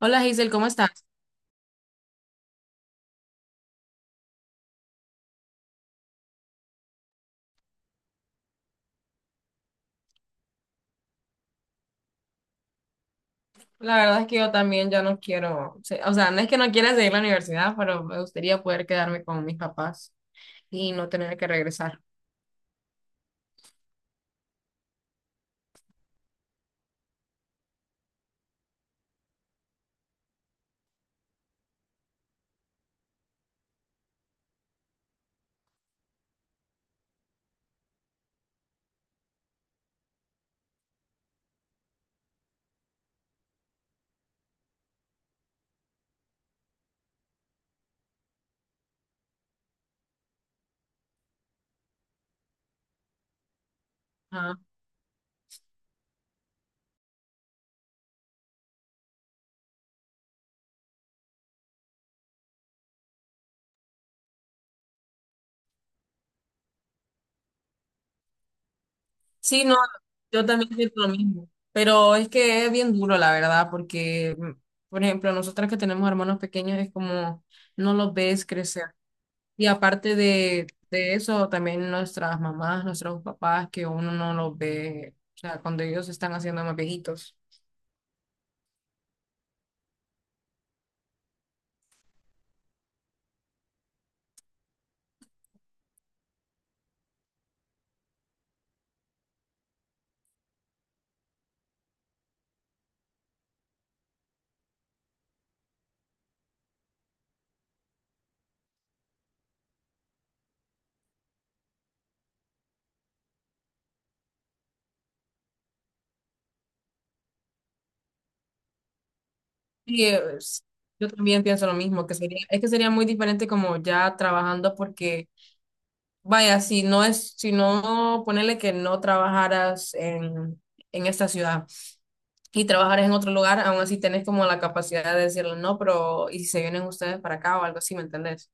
Hola Giselle, ¿cómo estás? La verdad es que yo también ya no quiero, o sea, no es que no quiera seguir la universidad, pero me gustaría poder quedarme con mis papás y no tener que regresar. Ajá. Sí, no, yo también siento lo mismo, pero es que es bien duro, la verdad, porque, por ejemplo, nosotras que tenemos hermanos pequeños es como no los ves crecer. Y aparte de eso, también nuestras mamás, nuestros papás, que uno no los ve, o sea, cuando ellos están haciendo más viejitos. Sí, es- yo también pienso lo mismo, que sería, es que sería muy diferente como ya trabajando porque, vaya, si no es, si no ponerle que no trabajaras en esta ciudad y trabajaras en otro lugar, aún así tenés como la capacidad de decirle no, pero ¿y si se vienen ustedes para acá o algo así, ¿me entendés?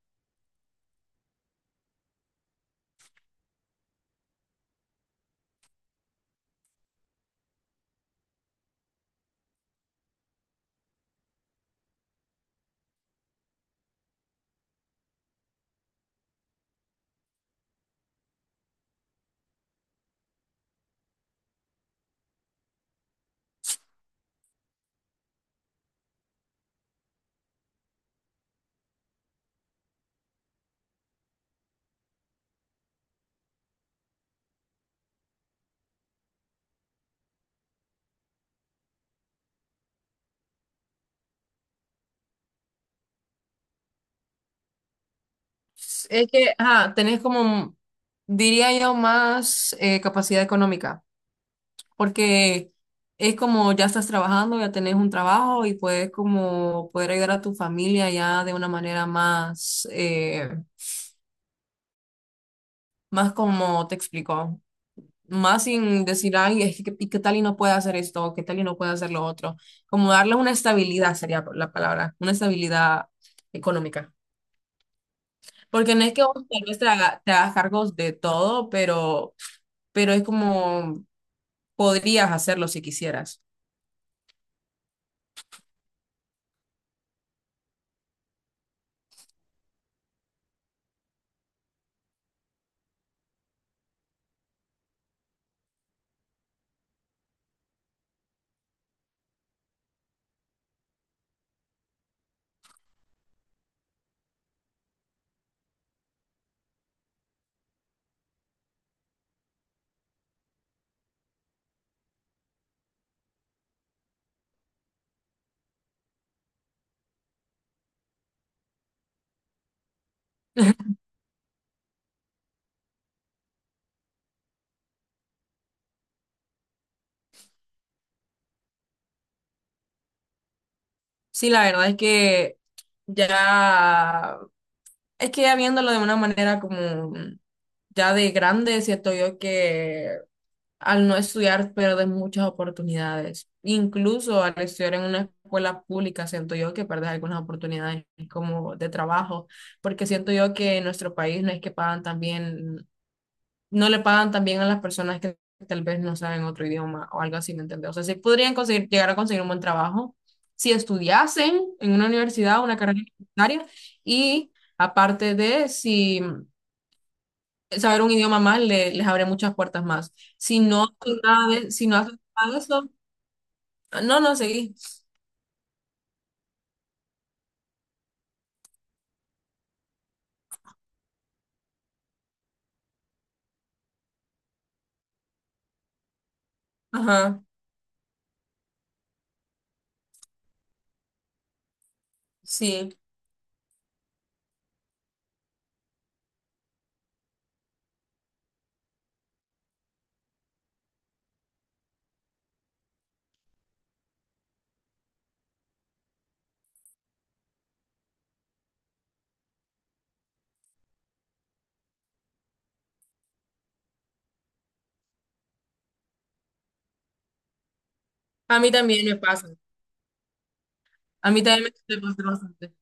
Es que, ajá, tenés como, diría yo, más capacidad económica. Porque es como ya estás trabajando, ya tenés un trabajo y puedes como poder ayudar a tu familia ya de una manera más, más como te explico, más sin decir, ay, es que, ¿y qué tal y no puede hacer esto? O ¿qué tal y no puede hacer lo otro? Como darle una estabilidad sería la palabra, una estabilidad económica. Porque no es que vos tal vez te hagas cargos de todo, pero es como podrías hacerlo si quisieras. Sí, la verdad ya, es que ya viéndolo de una manera como ya de grande, siento yo que al no estudiar pierdes muchas oportunidades. Incluso al estudiar en una escuela pública, siento yo que pierdes algunas oportunidades como de trabajo, porque siento yo que en nuestro país no es que pagan también no le pagan también a las personas que tal vez no saben otro idioma o algo así, ¿me entiendes? O sea, sí podrían conseguir, llegar a conseguir un buen trabajo si estudiasen en una universidad, una carrera universitaria, y aparte de si saber un idioma más les abre muchas puertas más. Si no hacen nada de, si no hacen nada de eso, no, no, seguí. Ajá, sí. A mí también me pasa. A mí también me pasa bastante.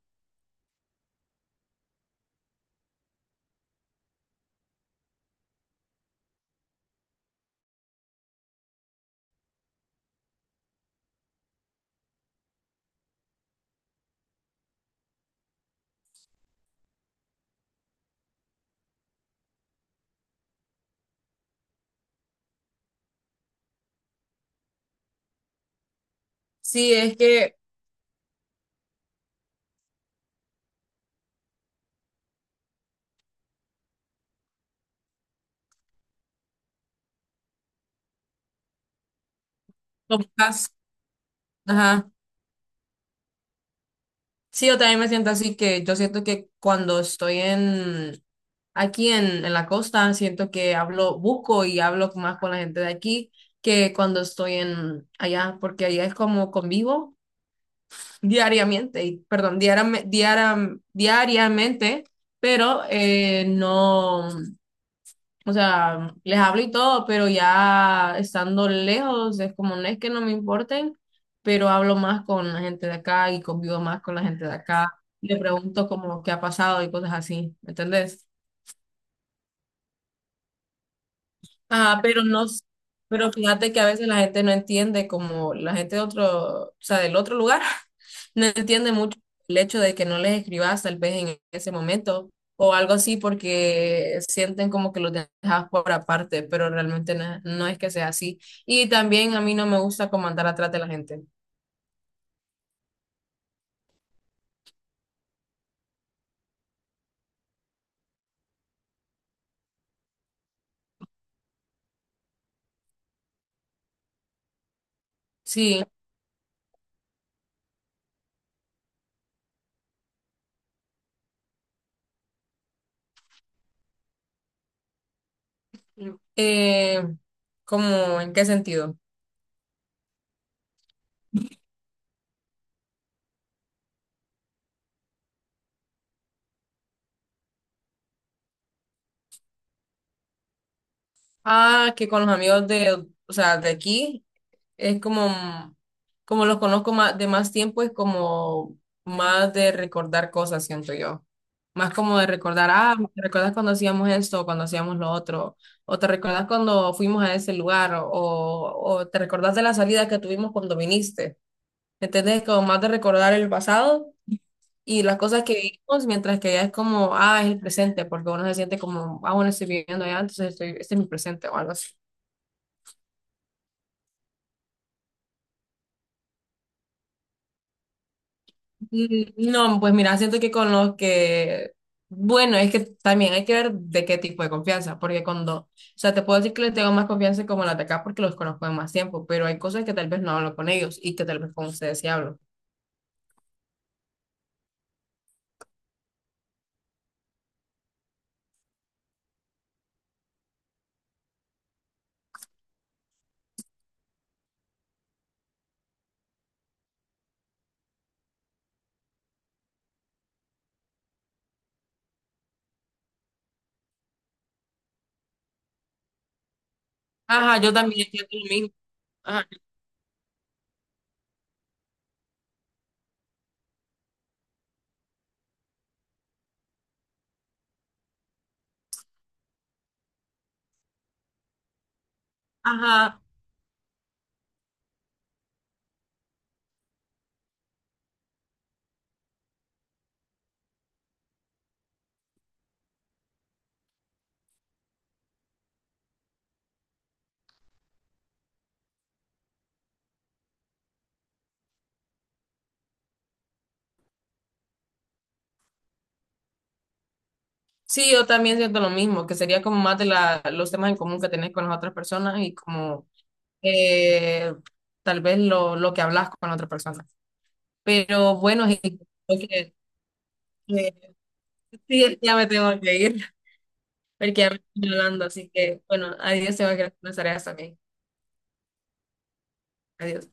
Sí, es que, como estás, ajá. Sí, yo también me siento así que yo siento que cuando estoy en aquí en la costa, siento que hablo, busco y hablo más con la gente de aquí que cuando estoy en allá, porque allá es como convivo diariamente, y, perdón, diariamente, pero no. O sea, les hablo y todo, pero ya estando lejos, es como no es que no me importen, pero hablo más con la gente de acá y convivo más con la gente de acá. Le pregunto como qué ha pasado y cosas así, ¿me entendés? Ah, pero no, s- pero fíjate que a veces la gente no entiende, como la gente de otro, o sea, del otro lugar, no entiende mucho el hecho de que no les escribas tal vez en ese momento o algo así porque sienten como que los dejas por aparte, pero realmente no, no es que sea así. Y también a mí no me gusta como andar atrás de la gente. Sí, eh, ¿cómo en qué sentido? Ah, que con los amigos de, o sea, de aquí. Es como, como los conozco más, de más tiempo, es como más de recordar cosas, siento yo. Más como de recordar, ah, ¿te recuerdas cuando hacíamos esto, cuando hacíamos lo otro? O te recuerdas cuando fuimos a ese lugar, o te recuerdas de la salida que tuvimos cuando viniste. ¿Entendés? Como más de recordar el pasado y las cosas que vivimos, mientras que ya es como, ah, es el presente, porque uno se siente como, ah, bueno, estoy viviendo allá, entonces estoy, este es mi presente o algo así. No, pues mira, siento que con los que, bueno, es que también hay que ver de qué tipo de confianza, porque cuando, o sea, te puedo decir que les tengo más confianza como la de acá porque los conozco de más tiempo, pero hay cosas que tal vez no hablo con ellos y que tal vez con ustedes sí hablo. Ajá, yo también siento lo mismo. Ajá, ajá. Sí, yo también siento lo mismo, que sería como más de la, los temas en común que tenés con las otras personas y como eh, tal vez lo que hablas con otras personas. Pero bueno, es que- Sí, ya me tengo que ir. Porque ya me estoy hablando, así que bueno, adiós, tengo que hacer unas tareas también. Adiós.